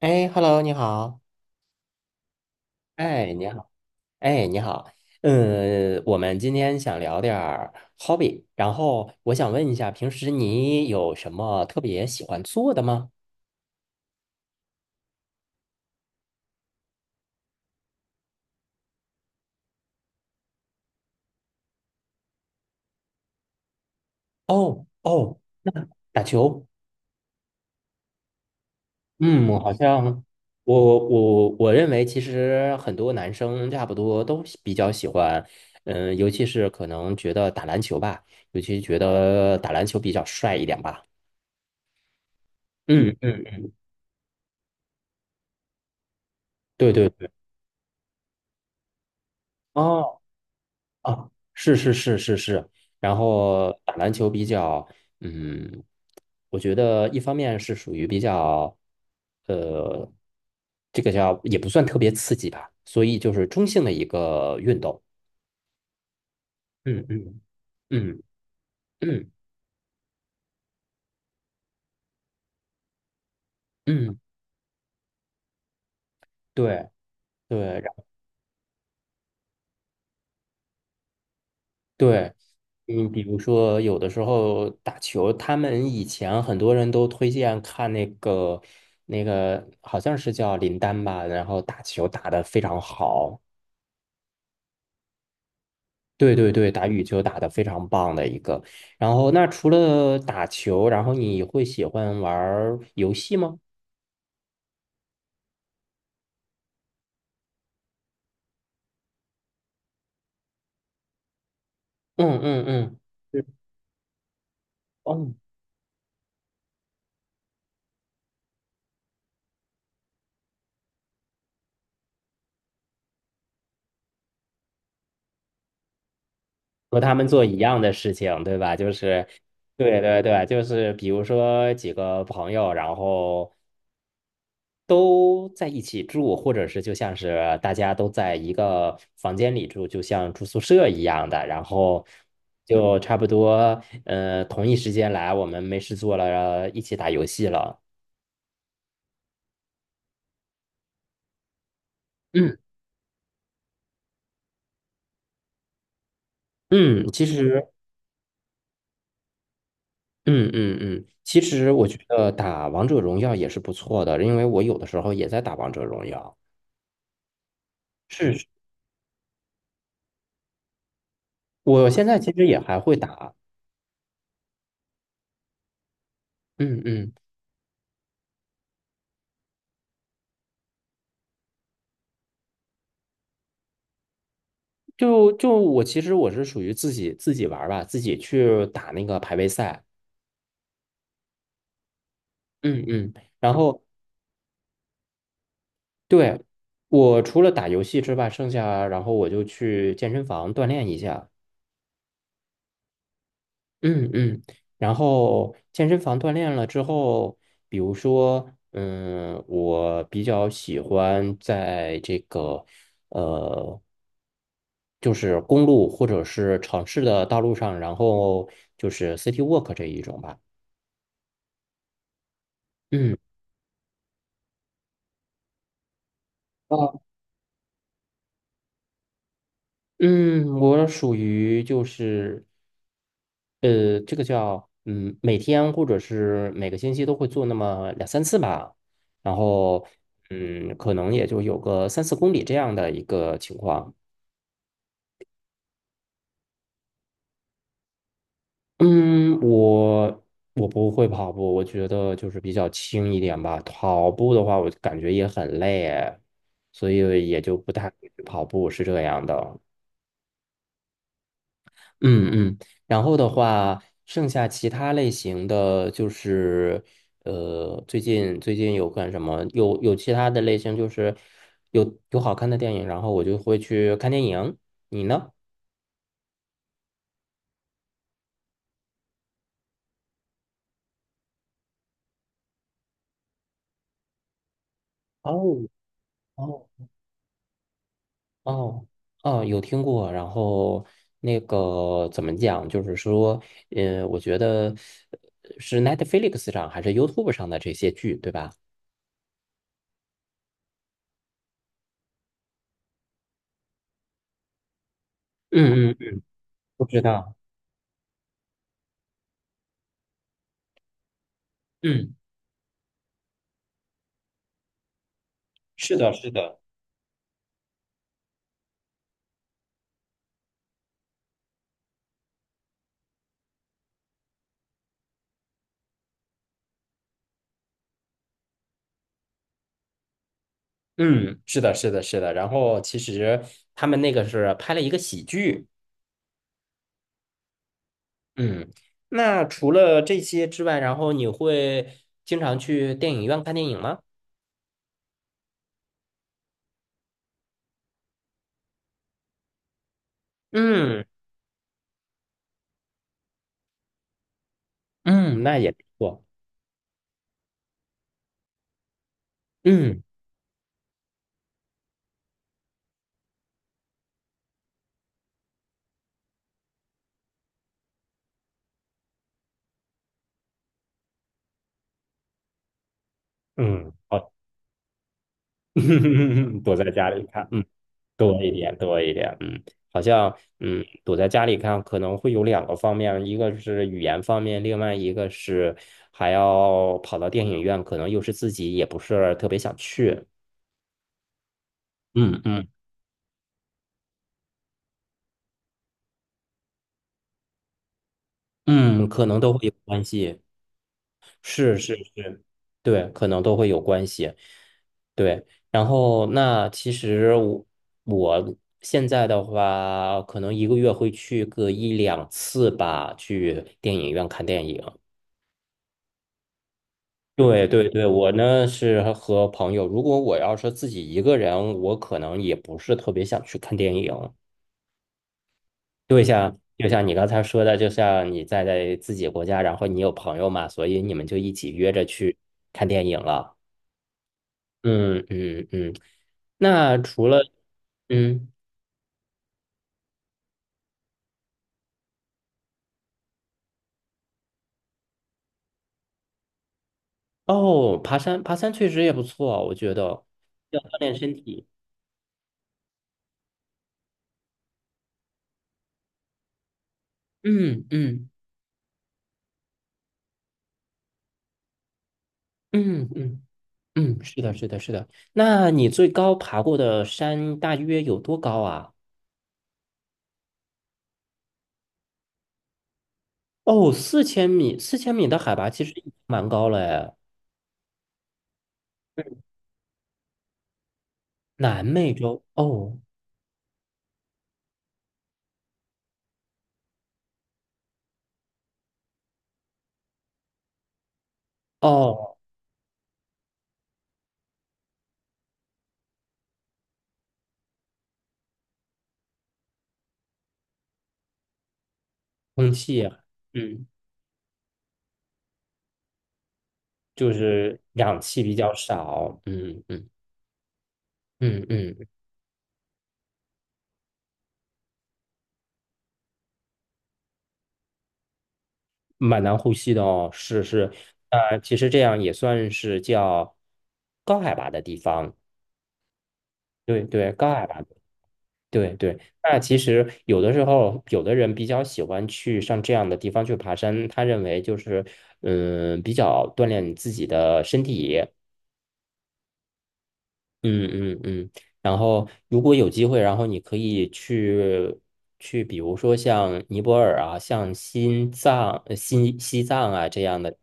哎，Hello，你好。哎，你好。哎，你好。嗯，我们今天想聊点儿 hobby，然后我想问一下，平时你有什么特别喜欢做的吗？哦哦，打球。嗯，好像我认为，其实很多男生差不多都比较喜欢，嗯，尤其是可能觉得打篮球吧，尤其觉得打篮球比较帅一点吧。嗯嗯，嗯，对对对。哦。啊，是是是是是，然后打篮球比较，嗯，我觉得一方面是属于比较，呃，这个叫也不算特别刺激吧，所以就是中性的一个运动。嗯嗯嗯嗯嗯，对对，对，嗯，比如说有的时候打球，他们以前很多人都推荐看那个那个好像是叫林丹吧，然后打球打得非常好。对对对，打羽球打得非常棒的一个。然后，那除了打球，然后你会喜欢玩儿游戏吗？嗯嗯嗯，对。哦，和他们做一样的事情，对吧？就是，对对对，就是比如说几个朋友，然后都在一起住，或者是就像是大家都在一个房间里住，就像住宿舍一样的，然后就差不多，同一时间来，我们没事做了，一起打游戏了。嗯嗯，其实，嗯嗯嗯，其实我觉得打王者荣耀也是不错的，因为我有的时候也在打王者荣耀。是，是我现在其实也还会打。嗯嗯，就我其实我是属于自己自己玩儿吧，自己去打那个排位赛。嗯嗯，然后对，我除了打游戏之外，剩下然后我就去健身房锻炼一下。嗯嗯，然后健身房锻炼了之后，比如说，嗯，我比较喜欢在这个呃，就是公路或者是城市的道路上，然后就是 city walk 这一种吧。嗯。嗯，我属于就是，这个叫每天或者是每个星期都会做那么2、3次吧，然后嗯，可能也就有个3、4公里这样的一个情况。嗯，我不会跑步，我觉得就是比较轻一点吧。跑步的话，我感觉也很累，所以也就不太会去跑步，是这样的。嗯嗯，然后的话，剩下其他类型的就是，最近有干什么？有其他的类型，就是有好看的电影，然后我就会去看电影。你呢？哦哦，哦哦，有听过。然后那个怎么讲？就是说，我觉得是 Netflix 上还是 YouTube 上的这些剧，对吧？嗯嗯，不知道。嗯，是的，是的。嗯，是的，是的，是的。然后其实他们那个是拍了一个喜剧。嗯，那除了这些之外，然后你会经常去电影院看电影吗？嗯嗯，那也不错。嗯嗯，好，躲在家里看，嗯，多一点，多一点。嗯，好像嗯，躲在家里看可能会有两个方面，一个是语言方面，另外一个是还要跑到电影院，可能又是自己也不是特别想去。嗯嗯嗯，可能都会有关系，是是是，对，可能都会有关系，对。然后那其实我现在的话，可能一个月会去个1、2次吧，去电影院看电影。对对对，我呢是和朋友，如果我要是自己一个人，我可能也不是特别想去看电影。就像就像你刚才说的，就像你在自己国家，然后你有朋友嘛，所以你们就一起约着去看电影了。嗯嗯嗯。那除了嗯，哦，爬山爬山确实也不错，我觉得要锻炼身体。嗯嗯嗯嗯嗯，是的，是的，是的。那你最高爬过的山大约有多高啊？哦，四千米，四千米的海拔其实已经蛮高了哎。南美洲，哦哦，空气啊，嗯，就是氧气比较少，嗯嗯嗯嗯，蛮难呼吸的哦，是是，其实这样也算是叫高海拔的地方，对对，高海拔，对对。那其实有的时候，有的人比较喜欢去上这样的地方去爬山，他认为就是嗯，比较锻炼你自己的身体，嗯嗯嗯，然后如果有机会，然后你可以去去，比如说像尼泊尔啊，像新藏、新西藏啊这样的，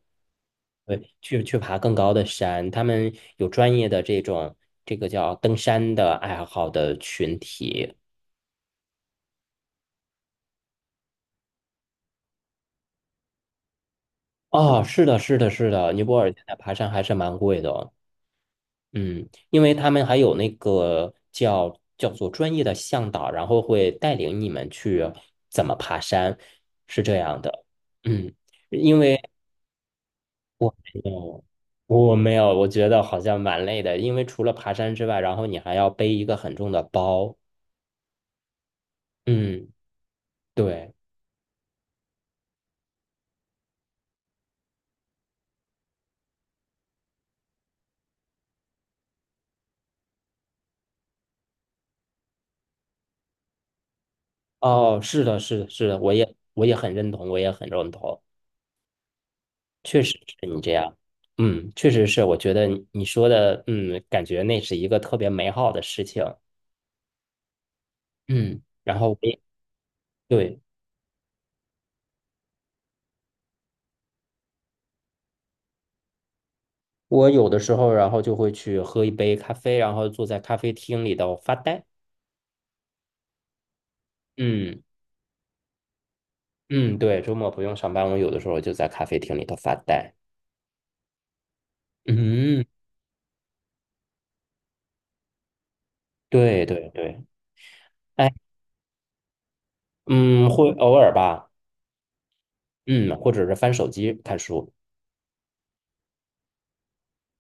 对，去去爬更高的山，他们有专业的这种这个叫登山的爱好的群体。哦，是的，是的，是的，尼泊尔现在爬山还是蛮贵的哦。嗯，因为他们还有那个叫叫做专业的向导，然后会带领你们去怎么爬山，是这样的。嗯，因为我没有，我没有，我觉得好像蛮累的，因为除了爬山之外，然后你还要背一个很重的包。嗯，对，哦，是的，是的，是的，我也很认同，我也很认同，确实是你这样。嗯，确实是，我觉得你说的，嗯，感觉那是一个特别美好的事情。嗯，然后我也对。我有的时候，然后就会去喝一杯咖啡，然后坐在咖啡厅里头发呆。嗯嗯，对，周末不用上班，我有的时候就在咖啡厅里头发呆。嗯，对对对，哎，嗯，会偶尔吧，嗯，或者是翻手机看书。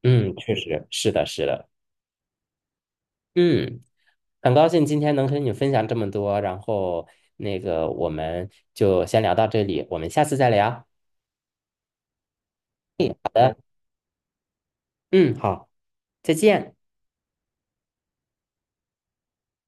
嗯，确实是的，是的。嗯，很高兴今天能跟你分享这么多，然后那个我们就先聊到这里，我们下次再聊。嗯好的，嗯，好，再见。